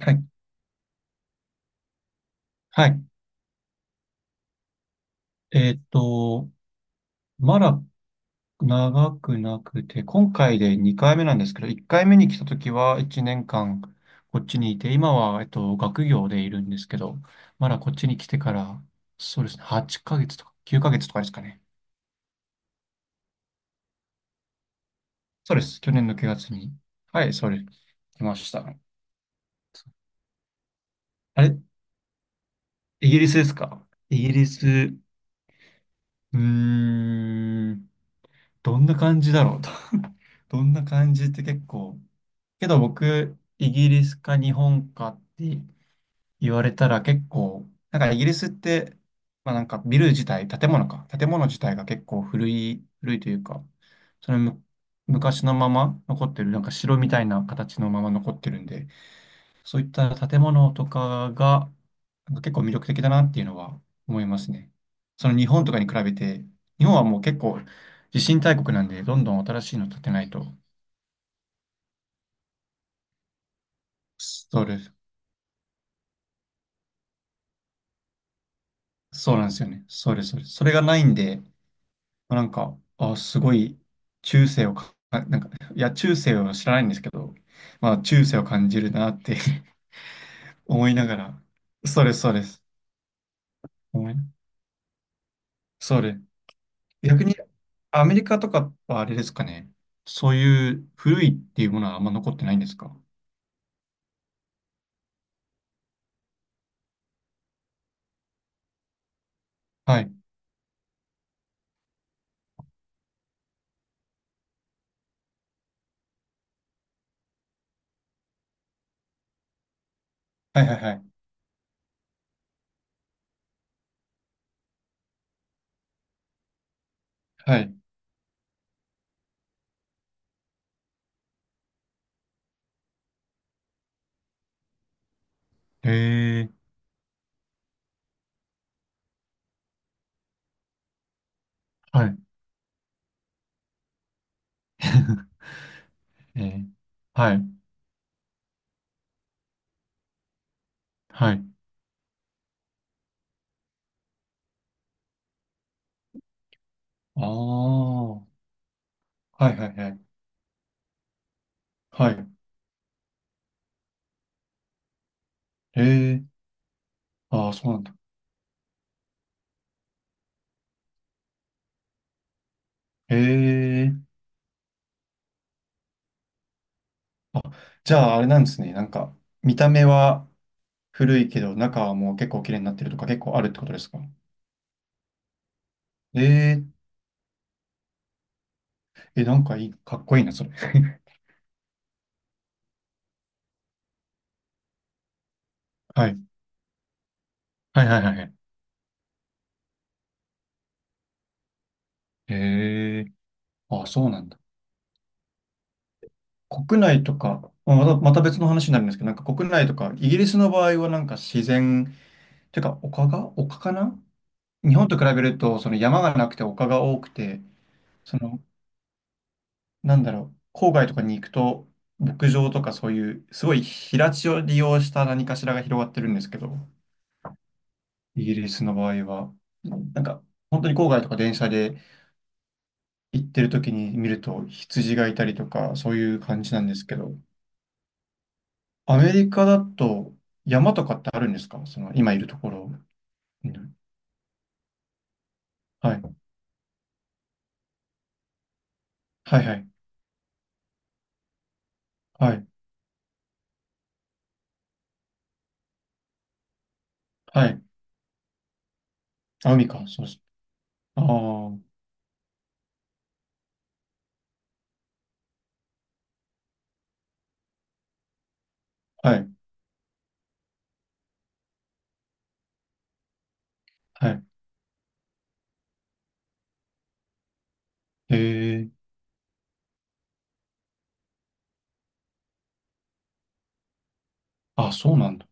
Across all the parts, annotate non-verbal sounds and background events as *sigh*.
はい。はい。えーっと、まだ長くなくて、今回で2回目なんですけど、1回目に来た時は1年間こっちにいて、今は、学業でいるんですけど、まだこっちに来てから、そうですね、8ヶ月とか9ヶ月とかですかね。そうです。去年の9月に。はい、そうです。来ました。あれ、イギリスですか？イギリス、ーん、どんな感じだろう。*laughs* どんな感じって結構、けど僕、イギリスか日本かって言われたら結構、なんかイギリスって、まあなんかビル自体、建物自体が結構古いというか、そのむ昔のまま残ってる、なんか城みたいな形のまま残ってるんで、そういった建物とかが、なんか結構魅力的だなっていうのは思いますね。その日本とかに比べて、日本はもう結構地震大国なんで、どんどん新しいの建てないと。そうです。そうなんですよね。そうです、そうです。それがないんで、まあなんか、あ、すごい、中世をか、あなんか、いや、中世を知らないんですけど、まあ、中世を感じるなって *laughs* 思いながら、そうです、そうです。思いそうです。逆に、アメリカとかはあれですかね。そういう古いっていうものはあんま残ってないんですか？はい。はい、はい、はい。はい。へえ、はい。*laughs* えー、はい、はい。ああ、はい、はい、はい。はい。へえ、ああ、そうなんだ。へえ、あ、じゃああれなんですね。なんか、見た目は古いけど、中はもう結構綺麗になってるとか結構あるってことですか？ええ、え、なんかいい、かっこいいな、それ。*laughs* はい。はいはいはいはい。へえ、ああ、そうなんだ。国内とか、まあまた別の話になるんですけど、なんか国内とか、イギリスの場合はなんか自然、てか丘かな？日本と比べると、その山がなくて丘が多くて、そのなんだろう、郊外とかに行くと、牧場とかそういう、すごい平地を利用した何かしらが広がってるんですけど、イギリスの場合は、なんか、本当に郊外とか電車で行ってる時に見ると羊がいたりとか、そういう感じなんですけど、アメリカだと山とかってあるんですか？その、今いるところ。うん。はい、はい、はい、はい、はい。あ、海か、そうです。ああ、はい、はい。へえ、あ、そうなんだ。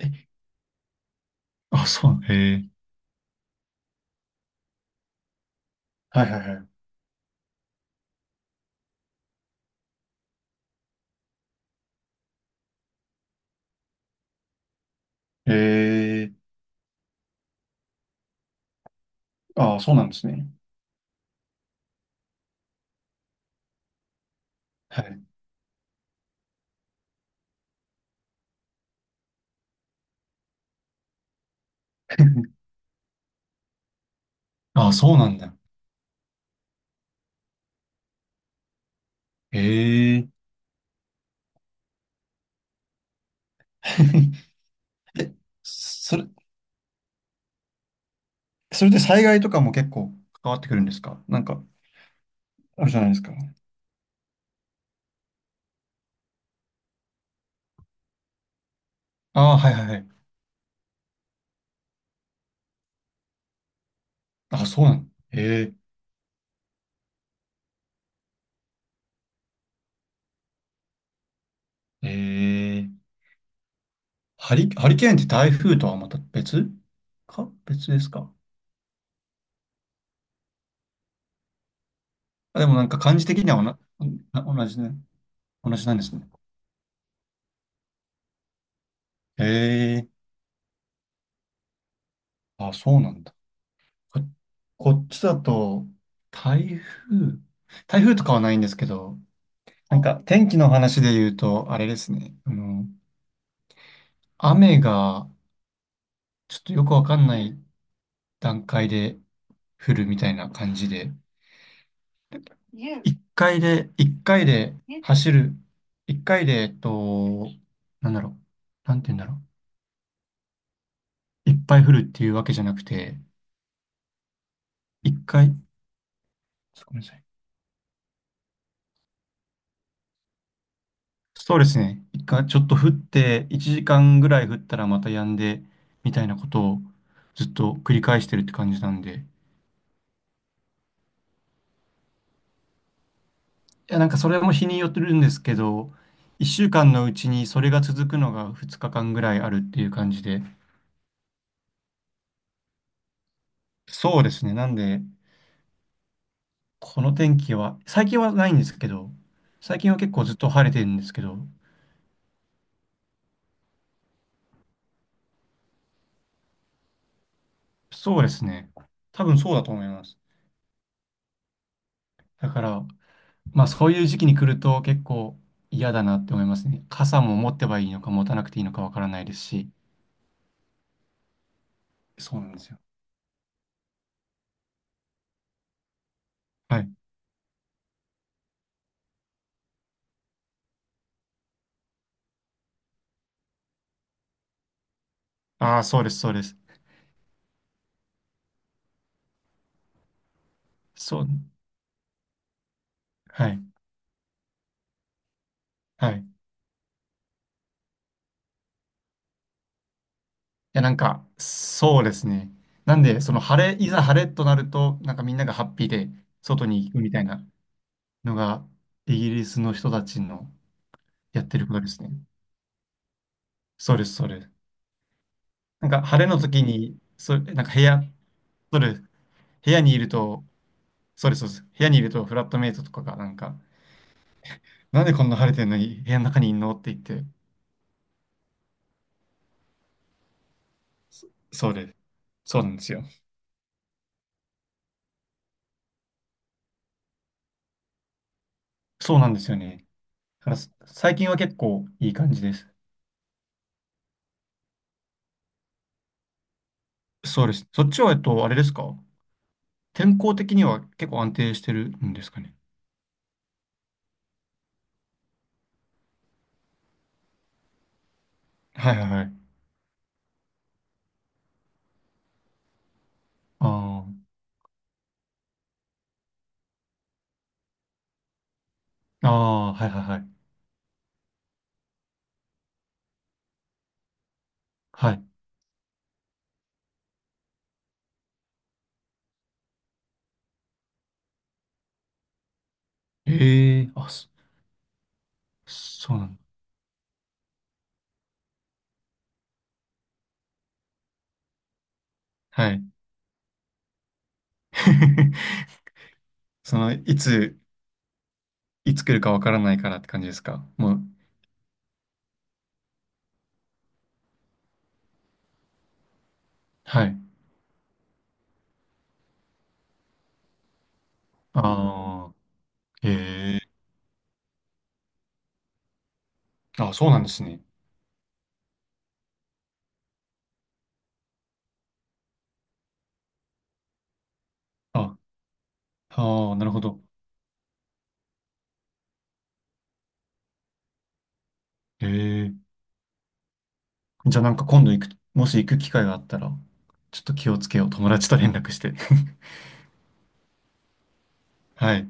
え、あ、そう、へえ。はい、はい、はい。へえ。ああ、そうなんですね。はい。*laughs* ああ、そうなんだ。へえ。 *laughs* え、それ、それで災害とかも結構関わってくるんですか？なんか、あるじゃないですか。ああ、はいはいはい。ああ、そうなの。へえ。へえ。ハリケーンって台風とはまた別ですか？あ、でもなんか感じ的にはおな、な同じね。同じなんですね。へえ。ああ、そうなんだ。こ、こっちだと、台風、台風とかはないんですけど、なんか天気の話で言うと、あれですね、あの、雨がちょっとよくわかんない段階で降るみたいな感じで、一回で走る、一回で、なんだろう、なんて言うんだろう、いっぱい降るっていうわけじゃなくて、一回、ちょっとごめんなさい。そうですね。一回ちょっと降って、1時間ぐらい降ったらまた止んで、みたいなことをずっと繰り返してるって感じなんで。いや、なんかそれも日によってるんですけど、1週間のうちにそれが続くのが2日間ぐらいあるっていう感じで。そうですね。なんで、この天気は、最近はないんですけど、最近は結構ずっと晴れてるんですけど、そうですね。多分そうだと思います。だから、まあそういう時期に来ると結構嫌だなって思いますね。傘も持ってばいいのか持たなくていいのかわからないですし。そうなんですよ。はい。ああ、そうです、そうです。そう。はい。はい。いや、なんか、そうですね。なんで、その晴れ、いざ晴れとなると、なんかみんながハッピーで外に行くみたいなのが、イギリスの人たちのやってることですね。そうです、そうです。なんか晴れの時に、なんか部屋、そうです。部屋にいると、そうです、そうです。部屋にいるとフラットメイトとかがなんか、なんでこんな晴れてんのに部屋の中にいんのって言って、そうです。そうなんですよ。そうなんですよね。だから最近は結構いい感じです。そうです。そっちは、あれですか？天候的には結構安定してるんですかね。はいはいはい。ああ、ああ、はいはいはい。はい。ええ。あ、そうなんだ。はい。*laughs* その、いつ来るかわからないからって感じですか？もう、はい。ああ、ええ。あ、そうなんですね。あ、ああ、なるほど。ええ。じゃあなんか今度行く、もし行く機会があったら、ちょっと気をつけよう。友達と連絡して。*laughs* はい。